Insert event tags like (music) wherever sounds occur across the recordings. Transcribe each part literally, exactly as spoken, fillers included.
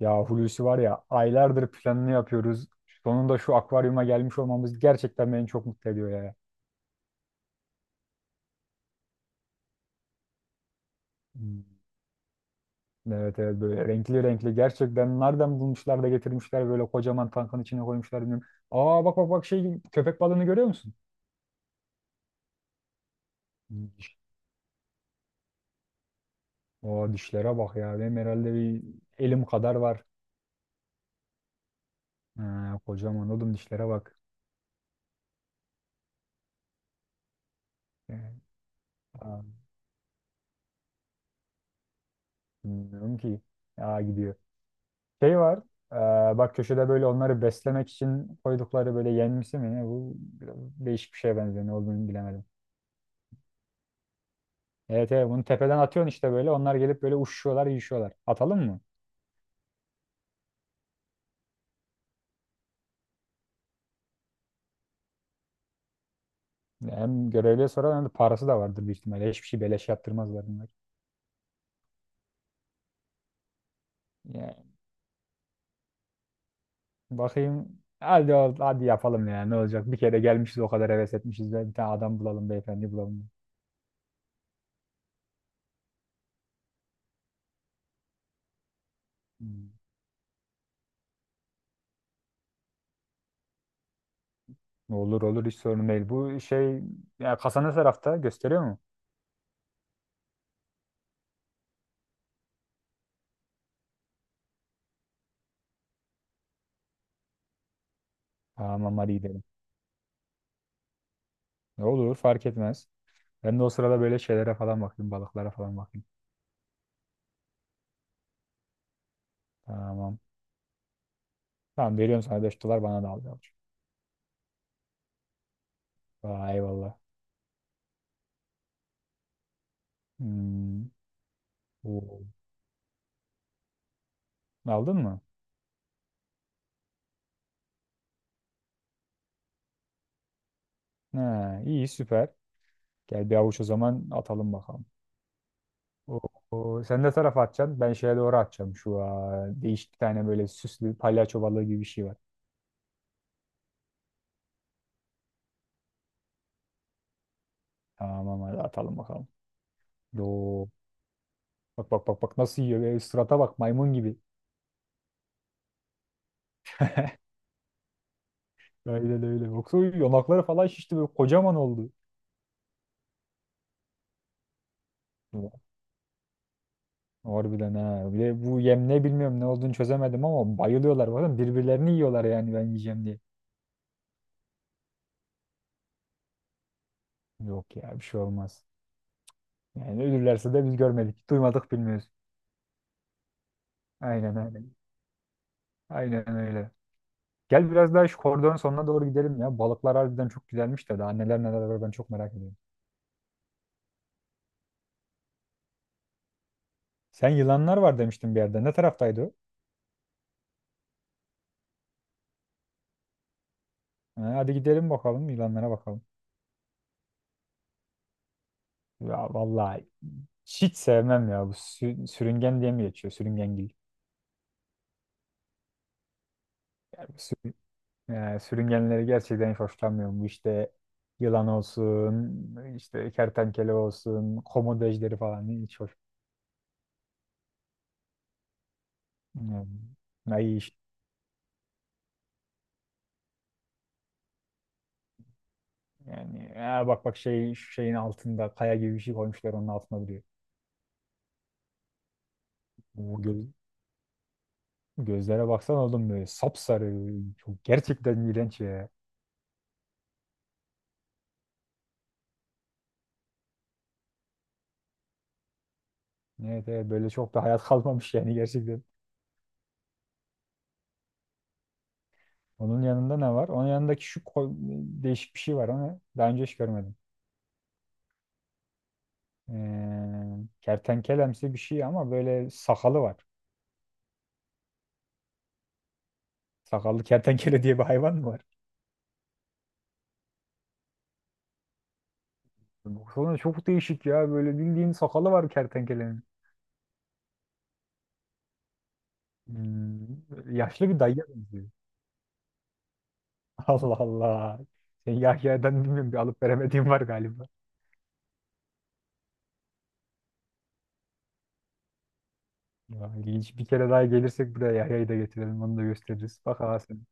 Ya Hulusi var ya, aylardır planını yapıyoruz. Sonunda şu akvaryuma gelmiş olmamız gerçekten beni çok mutlu ediyor ya. Hmm. Evet evet, böyle renkli renkli, gerçekten nereden bulmuşlar da getirmişler, böyle kocaman tankın içine koymuşlar, bilmiyorum. Aa, bak bak bak, şey, köpek balığını görüyor musun? Diş- Aa, dişlere bak ya, benim herhalde bir elim kadar var. Ha, kocaman oğlum, dişlere bak. Yani. Aa, bilmiyorum ki. Ya, gidiyor. Şey var. E, bak köşede böyle onları beslemek için koydukları, böyle yenmesi mi ne? Bu biraz değişik bir şeye benziyor. Ne olduğunu bilemedim. Evet evet, bunu tepeden atıyorsun işte böyle. Onlar gelip böyle uçuşuyorlar, yiyişiyorlar. Atalım mı? Hem görevliye soralım, hem de parası da vardır büyük ihtimalle. Hiçbir şey beleş yaptırmazlar bunlar. Yani, bakayım. Hadi, ol- hadi yapalım ya, ne olacak? Bir kere gelmişiz, o kadar heves etmişiz. Bir tane adam bulalım, beyefendi bulalım. Hmm. Olur olur, hiç sorun değil. Bu şey, ya kasa ne tarafta, gösteriyor mu? Tamam, hadi gidelim. Ne olur, fark etmez. Ben de o sırada böyle şeylere falan bakayım. Balıklara falan bakayım. Tamam. Tamam, veriyorum sana beş dolar, bana da al yavrum. Vay, eyvallah. Hmm. Oo. Aldın mı? Ha, iyi, süper. Gel bir avuç o zaman atalım bakalım. Oo, sen ne tarafa atacaksın? Ben şeye doğru atacağım. Şu, aa, değişik bir tane böyle süslü palyaço balığı gibi bir şey var. Tamam, hadi atalım bakalım. Oo. Bak bak bak bak, nasıl yiyor. Böyle sırata bak, maymun gibi. Öyle öyle. Yoksa yanakları falan şişti, böyle kocaman oldu. Harbiden ha. Bir de bu yem ne bilmiyorum, ne olduğunu çözemedim, ama bayılıyorlar, bazen birbirlerini yiyorlar yani, ben yiyeceğim diye. Yok ya, bir şey olmaz. Yani ölürlerse de biz görmedik. Duymadık, bilmiyoruz. Aynen öyle. Aynen öyle. Gel biraz daha şu koridorun sonuna doğru gidelim ya. Balıklar harbiden çok güzelmiş de, daha neler neler var, ben çok merak ediyorum. Sen yılanlar var demiştin bir yerde. Ne taraftaydı o? Ha, hadi gidelim bakalım, yılanlara bakalım. Ya vallahi, hiç sevmem ya, bu sü- sürüngen diye mi geçiyor? Sürüngengil. Yani sürüngenleri gerçekten hiç hoşlanmıyorum. Bu işte yılan olsun, işte kertenkele olsun, komodo ejderi falan, hiç hoş. Yani, ay iş- yani, aa, bak bak, şey, şu şeyin altında kaya gibi bir şey koymuşlar, onun altına duruyor. Bu göz, gözlere baksan oğlum, böyle sapsarı. Çok gerçekten iğrenç ya. Evet, evet, böyle çok da hayat (laughs) kalmamış yani gerçekten. Onun yanında ne var? Onun yanındaki şu ko- değişik bir şey var, ama daha önce hiç görmedim. Ee, kertenkelemsi bir şey, ama böyle sakalı var. Sakallı kertenkele diye bir hayvan mı var? Baksana çok değişik ya. Böyle bildiğin sakalı var kertenkelenin. Hmm, yaşlı bir dayıya benziyor. (laughs) Allah Allah. Sen Yahya'dan bilmiyorum, bir alıp veremediğim var galiba. Ya, ilginç. Bir kere daha gelirsek buraya, Yahya'yı da getirelim. Onu da gösteririz. Bak ha sen.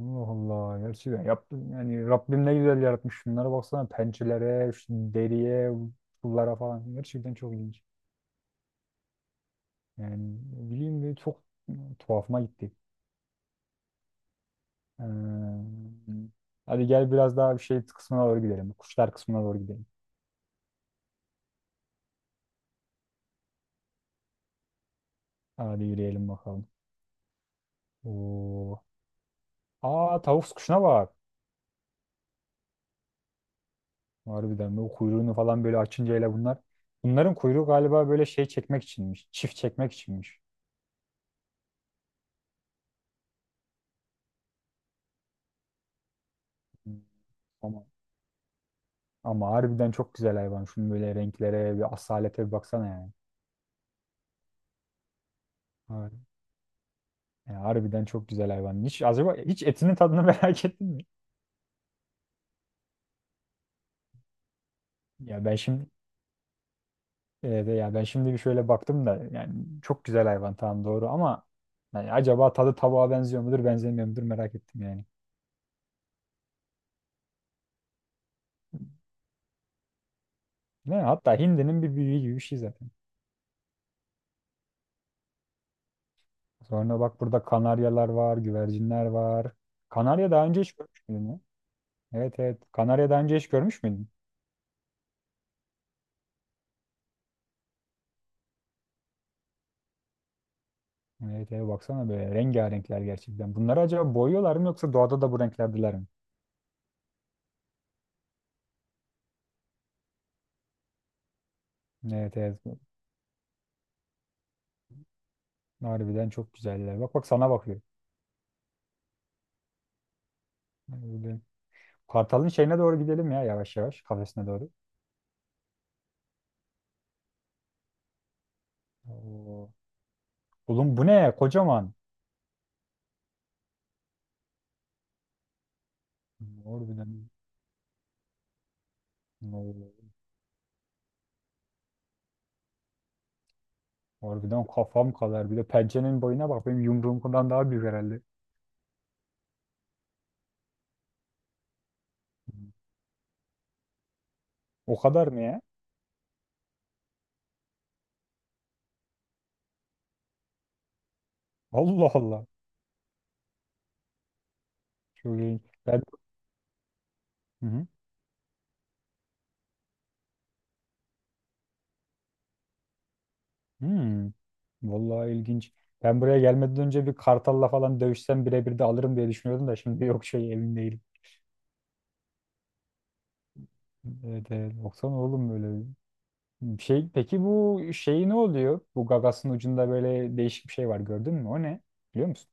Allah Allah. Gerçekten yaptım. Yani Rabbim ne güzel yaratmış. Şunlara baksana. Pençelere, şu deriye, pullara falan. Gerçekten çok ilginç. Yani ne bileyim de, çok tuhafıma gitti. Ee, Hadi gel biraz daha bir şey kısmına doğru gidelim. Kuşlar kısmına doğru gidelim. Hadi yürüyelim bakalım. Oo. Aa, tavus kuşuna bak. Harbiden o kuyruğunu falan böyle açınca, hele bunlar. Bunların kuyruğu galiba böyle şey çekmek içinmiş. Çift çekmek içinmiş. Hmm. Ama, Ama harbiden çok güzel hayvan. Şunun böyle renklere, bir asalete bir baksana yani. Har- Yani harbiden çok güzel hayvan. Hiç acaba hiç etinin tadını (laughs) merak ettin mi? Ya ben şimdi Evet, ya ben şimdi bir şöyle baktım da, yani çok güzel hayvan, tamam doğru, ama yani acaba tadı tavuğa benziyor mudur benzemiyor mudur, merak ettim yani. Ne? Hatta hindinin bir büyüğü gibi bir şey zaten. Sonra bak, burada kanaryalar var, güvercinler var. Kanarya daha önce hiç görmüş müydün ya? Evet evet. Kanarya daha önce hiç görmüş müydün? Evet evet, baksana böyle rengarenkler gerçekten. Bunları acaba boyuyorlar mı, yoksa doğada da bu renklerdiler mi? Evet evet. Harbiden çok güzeller. Bak bak, sana bakıyor. Böyle, kartalın şeyine doğru gidelim ya, yavaş yavaş kafesine doğru. Oo. Oğlum bu ne? Kocaman. Harbiden. Oo. Harbiden kafam kadar. Bir de pençenin boyuna bak. Benim yumruğumdan daha büyük herhalde. O kadar mı ya? Allah Allah. Çok ilginç. Ben... Hı hı. Hmm. Vallahi ilginç. Ben buraya gelmeden önce bir kartalla falan dövüşsem birebir de alırım diye düşünüyordum da, şimdi yok, şey, emin değilim. Evet, evet. Baksana oğlum, böyle bir şey. Peki bu şey ne oluyor? Bu gagasın ucunda böyle değişik bir şey var, gördün mü? O ne? Biliyor musun?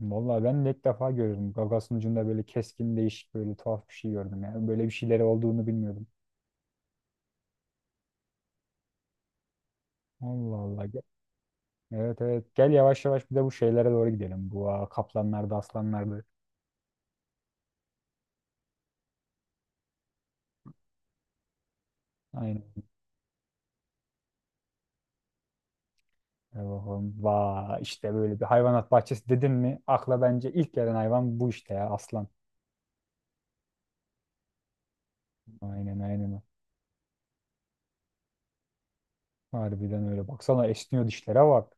Vallahi ben de ilk defa görüyorum. Gagasın ucunda böyle keskin, değişik, böyle tuhaf bir şey gördüm ya. Böyle bir şeyleri olduğunu bilmiyordum. Allah Allah. Gel. Evet evet. Gel yavaş yavaş bir de bu şeylere doğru gidelim. Bu, aa, kaplanlardı, aslanlardı. Aynen. E bakalım. Vay işte, böyle bir hayvanat bahçesi dedin mi, akla bence ilk gelen hayvan bu işte ya, aslan. Aynen aynen. Harbiden öyle. Baksana esniyor, dişlere bak.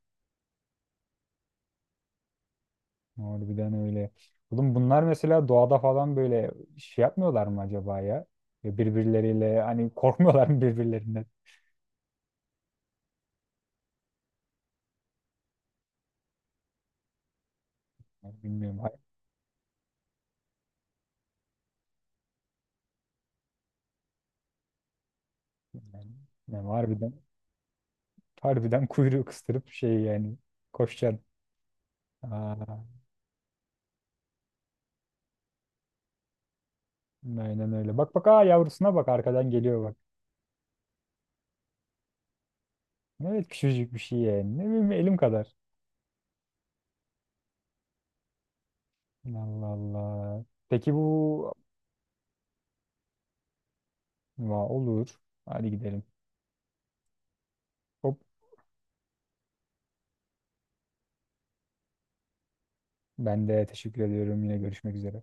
Harbiden öyle. Oğlum bunlar mesela doğada falan böyle şey yapmıyorlar mı acaba ya? Ya, birbirleriyle hani korkmuyorlar mı birbirlerinden? Yani bilmiyorum. Hayır. Yani, yani harbiden, harbiden kuyruğu kıstırıp, şey yani, koşacaksın. Aa, aynen öyle. Bak bak, aa, yavrusuna bak, arkadan geliyor bak. Evet, küçücük bir şey yani. Ne bileyim, elim kadar. Allah Allah. Peki bu, va, olur. Hadi gidelim. Hop, ben de teşekkür ediyorum. Yine görüşmek üzere.